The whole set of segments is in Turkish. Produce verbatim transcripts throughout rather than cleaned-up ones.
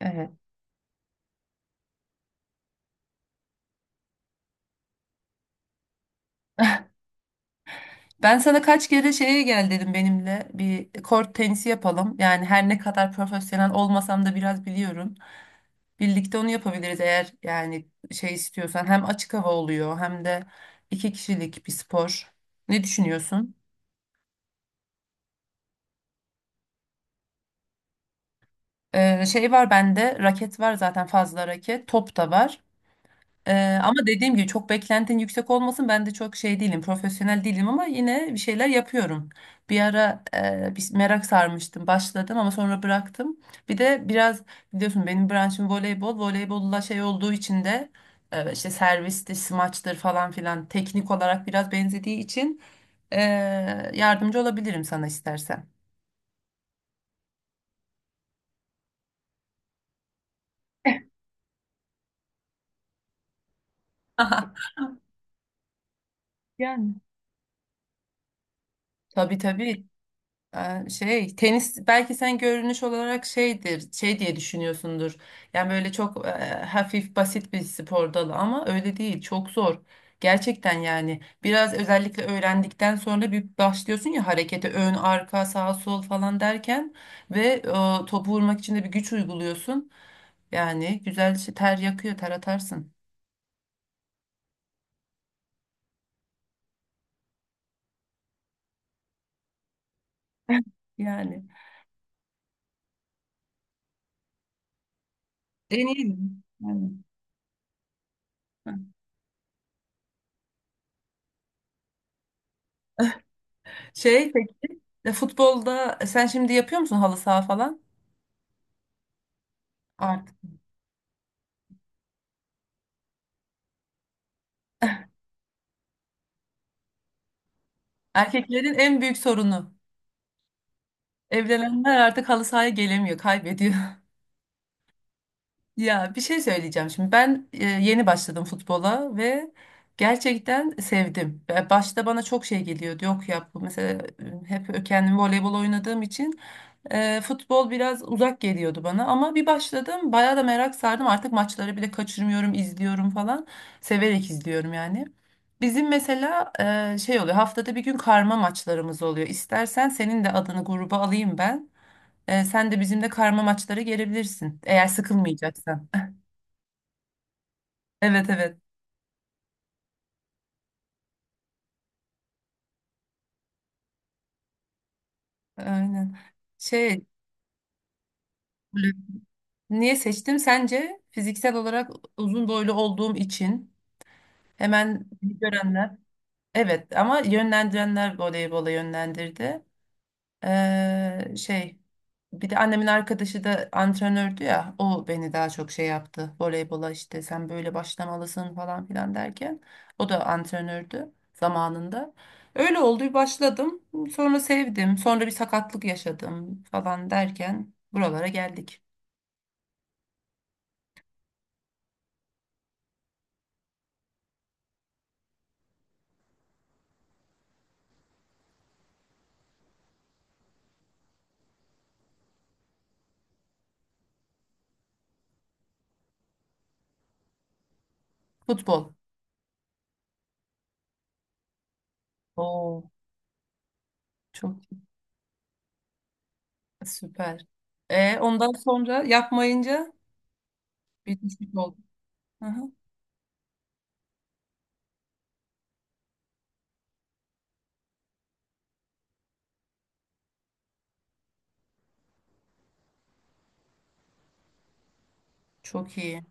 Evet. Ben sana kaç kere şeye gel dedim, benimle bir kort tenisi yapalım. Yani her ne kadar profesyonel olmasam da biraz biliyorum. Birlikte onu yapabiliriz eğer yani şey istiyorsan. Hem açık hava oluyor hem de iki kişilik bir spor. Ne düşünüyorsun? Ee, şey var bende, raket var zaten, fazla raket. Top da var. Ee, ama dediğim gibi çok beklentin yüksek olmasın. Ben de çok şey değilim, profesyonel değilim ama yine bir şeyler yapıyorum. Bir ara e, bir merak sarmıştım, başladım ama sonra bıraktım. Bir de biraz biliyorsun benim branşım voleybol. Voleybolla şey olduğu için de e, işte servistir, smaçtır falan filan, teknik olarak biraz benzediği için e, yardımcı olabilirim sana istersen. Yani. Tabii, tabii. Ee, Şey, tenis belki sen görünüş olarak şeydir şey diye düşünüyorsundur, yani böyle çok e, hafif basit bir spor dalı ama öyle değil, çok zor gerçekten. Yani biraz, özellikle öğrendikten sonra bir başlıyorsun ya harekete, ön arka sağ sol falan derken ve e, topu vurmak için de bir güç uyguluyorsun. Yani güzel şey- ter yakıyor, ter atarsın yani. En iyi yani. Şey peki, futbolda sen şimdi yapıyor musun, halı saha falan? Erkeklerin en büyük sorunu. Evlenenler artık halı sahaya gelemiyor, kaybediyor. Ya bir şey söyleyeceğim şimdi. Ben e, yeni başladım futbola ve gerçekten sevdim. Ve başta bana çok şey geliyordu. Yok ya, bu mesela e, hep kendimi voleybol oynadığım için Eee, futbol biraz uzak geliyordu bana, ama bir başladım, bayağı da merak sardım, artık maçları bile kaçırmıyorum, izliyorum falan, severek izliyorum yani. Bizim mesela eee, şey oluyor, haftada bir gün karma maçlarımız oluyor, istersen senin de adını gruba alayım ben. Eee, sen de bizimle karma maçlara gelebilirsin eğer sıkılmayacaksan. Evet, evet, aynen şey. Niye seçtim sence? Fiziksel olarak uzun boylu olduğum için, hemen görenler. Evet, ama yönlendirenler voleybola yönlendirdi. Ee, şey, bir de annemin arkadaşı da antrenördü ya, o beni daha çok şey yaptı voleybola, işte sen böyle başlamalısın falan filan derken, o da antrenördü zamanında. Öyle oldu, bir başladım, sonra sevdim, sonra bir sakatlık yaşadım falan derken buralara geldik. Futbol. Oo, çok süper. E, ondan sonra yapmayınca bir bitmiş oldu. Aha, çok iyi.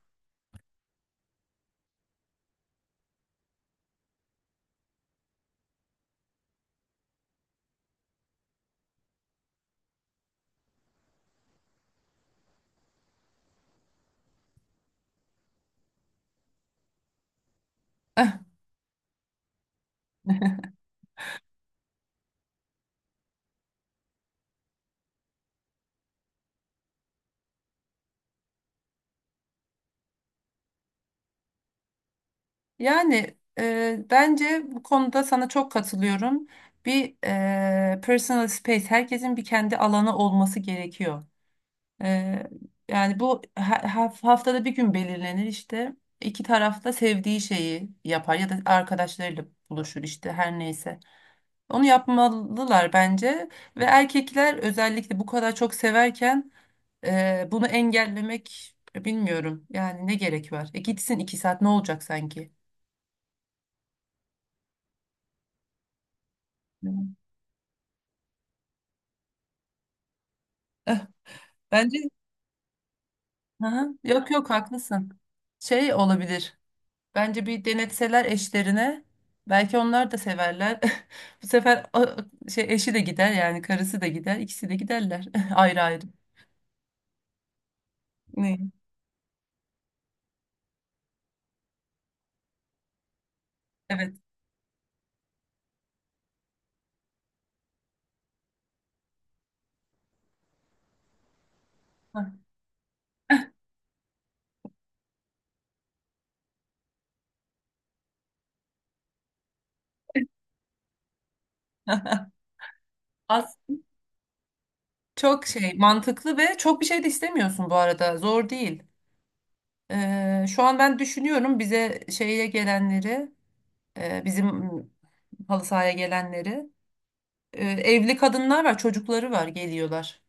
Yani e, bence bu konuda sana çok katılıyorum. Bir e, personal space, herkesin bir kendi alanı olması gerekiyor. E, Yani bu ha- haf- haftada bir gün belirlenir işte. İki taraf da sevdiği şeyi yapar ya da arkadaşlarıyla buluşur işte, her neyse. Onu yapmalılar bence, ve erkekler özellikle bu kadar çok severken e, bunu engellemek, bilmiyorum. Yani ne gerek var? E, gitsin iki saat, ne olacak sanki? Evet. Bence Aha, yok yok, haklısın. Şey olabilir. Bence bir denetseler eşlerine, belki onlar da severler. Bu sefer a- şey, eşi de gider yani, karısı da gider, ikisi de giderler ayrı ayrı. Ne? Evet. Hah. Az çok şey mantıklı, ve çok bir şey de istemiyorsun bu arada. Zor değil. Ee, şu an ben düşünüyorum bize şeye gelenleri, e, bizim mm, halı sahaya gelenleri. Ee, evli kadınlar var, çocukları var, geliyorlar.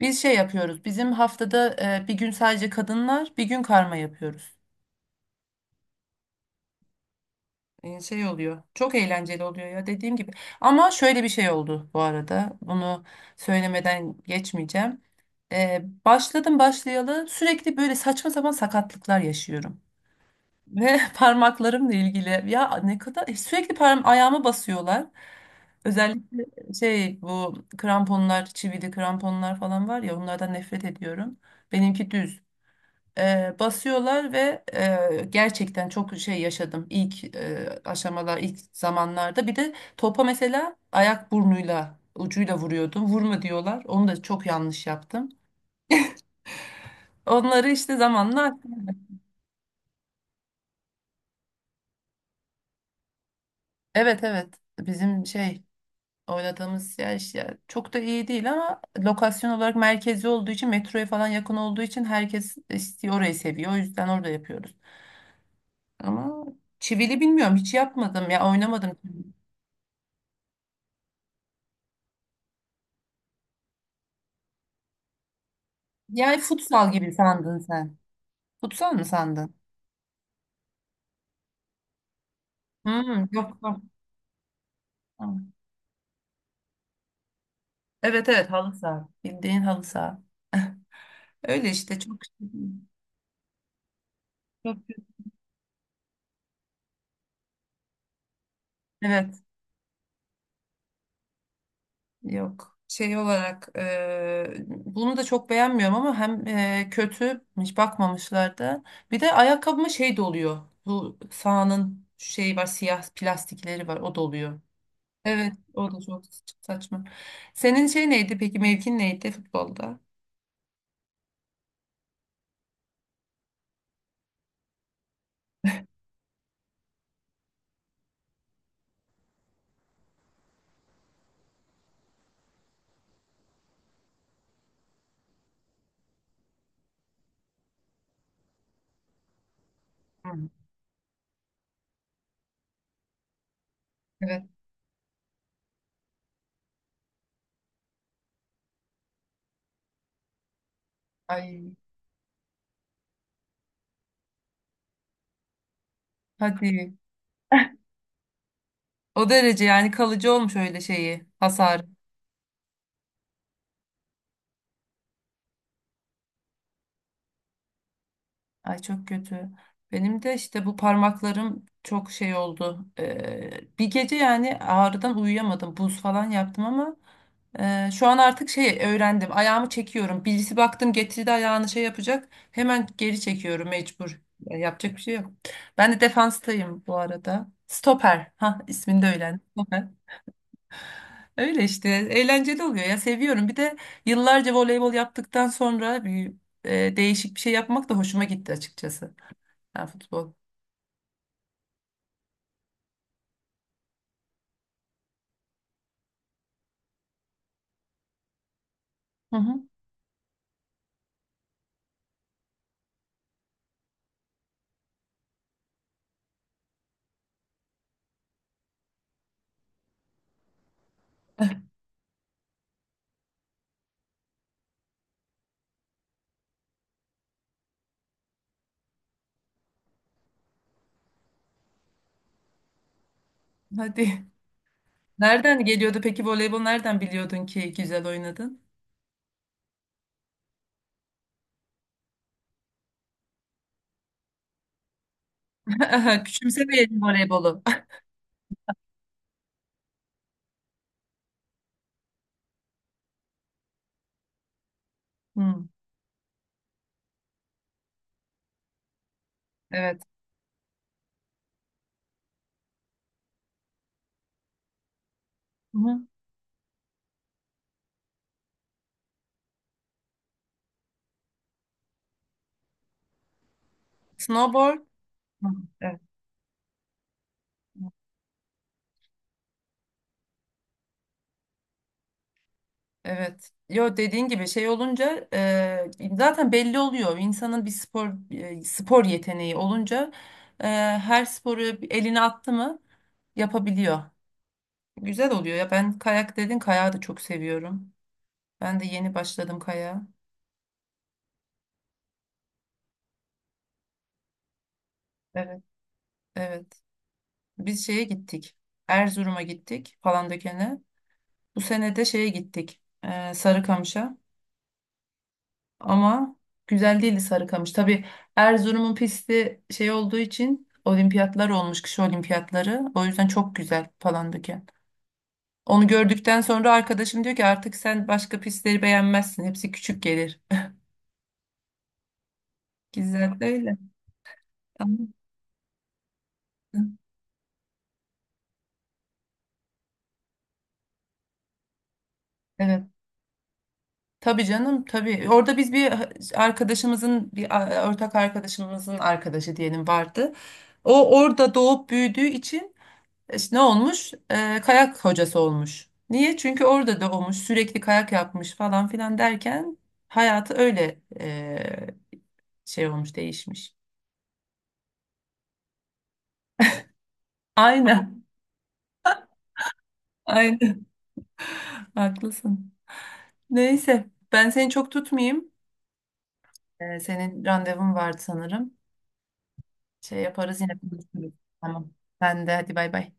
Biz şey yapıyoruz. Bizim haftada e, bir gün sadece kadınlar, bir gün karma yapıyoruz. E, şey oluyor. Çok eğlenceli oluyor ya, dediğim gibi. Ama şöyle bir şey oldu bu arada, bunu söylemeden geçmeyeceğim. E, başladım başlayalı sürekli böyle saçma sapan sakatlıklar yaşıyorum. Ve parmaklarımla ilgili ya, ne kadar e, sürekli parmağım, ayağıma basıyorlar. Özellikle şey, bu kramponlar, çivili kramponlar falan var ya, onlardan nefret ediyorum. Benimki düz. E, basıyorlar ve e, gerçekten çok şey yaşadım ilk e, aşamalar, ilk zamanlarda. Bir de topa mesela ayak burnuyla, ucuyla vuruyordum, vurma diyorlar, onu da çok yanlış yaptım, onları işte zamanla. Evet, evet, bizim şey oynadığımız yer işte çok da iyi değil ama lokasyon olarak merkezi olduğu için, metroya falan yakın olduğu için herkes istiyor orayı, seviyor, o yüzden orada yapıyoruz ama. Çivili bilmiyorum, hiç yapmadım ya, oynamadım. Yani futsal gibi sandın sen. Futsal mı sandın? Hmm, yok, yok. Tamam. Evet, evet, halı saha. Bildiğin halı saha. Öyle işte çok. Çok- Evet, yok. Şey olarak e, bunu da çok beğenmiyorum, ama hem e, kötü, hiç bakmamışlardı. Bir de ayakkabıma şey doluyor. Bu sahanın şey var, siyah plastikleri var, o doluyor. Evet, o da çok saçma. Senin şey neydi peki, mevkin neydi futbolda? Hmm. Evet. Ay, hadi. O derece yani, kalıcı olmuş öyle şeyi hasar. Ay, çok kötü. Benim de işte bu parmaklarım çok şey oldu. Ee, bir gece yani ağrıdan uyuyamadım. Buz falan yaptım, ama e, şu an artık şey öğrendim. Ayağımı çekiyorum. Birisi baktım getirdi ayağını şey yapacak, hemen geri çekiyorum, mecbur. Ya yapacak bir şey yok. Ben de defanstayım bu arada. Stoper. Ha, ismini de öğrendim. Öyle işte, eğlenceli oluyor ya, seviyorum. Bir de yıllarca voleybol yaptıktan sonra bir e, değişik bir şey yapmak da hoşuma gitti açıkçası. Ha, futbol. Hı hı. Hadi. Nereden geliyordu peki voleybol? Nereden biliyordun ki güzel oynadın? Küçümsemeyelim voleybolu. Hı, evet. Hı hı. Snowboard. Hı, evet. Evet. Yo, dediğin gibi şey olunca e, zaten belli oluyor. İnsanın bir spor e, spor yeteneği olunca e, her sporu eline attı mı yapabiliyor. Güzel oluyor ya. Ben, kayak dedin, kayağı da çok seviyorum. Ben de yeni başladım kayağa. Evet. Evet. Biz şeye gittik. Erzurum'a gittik, Palandöken'e. Bu sene de şeye gittik. E, Sarıkamış'a. Ama güzel değildi Sarıkamış. Tabii, Erzurum'un pisti şey olduğu için, olimpiyatlar olmuş, kış olimpiyatları. O yüzden çok güzel Palandöken. Onu gördükten sonra arkadaşım diyor ki artık sen başka pistleri beğenmezsin, hepsi küçük gelir. Güzel öyle. Tamam. Evet. Tabii canım, tabii. Orada biz bir arkadaşımızın, bir a- ortak arkadaşımızın arkadaşı diyelim, vardı. O orada doğup büyüdüğü için, İşte ne olmuş? Ee, kayak hocası olmuş. Niye? Çünkü orada doğmuş, sürekli kayak yapmış falan filan derken hayatı öyle e, şey olmuş, değişmiş. Aynen, aynen. Haklısın. Neyse, ben seni çok tutmayayım. Ee, senin randevun vardı sanırım. Şey yaparız, yine konuşuruz. Tamam. Ben de hadi, bay bay.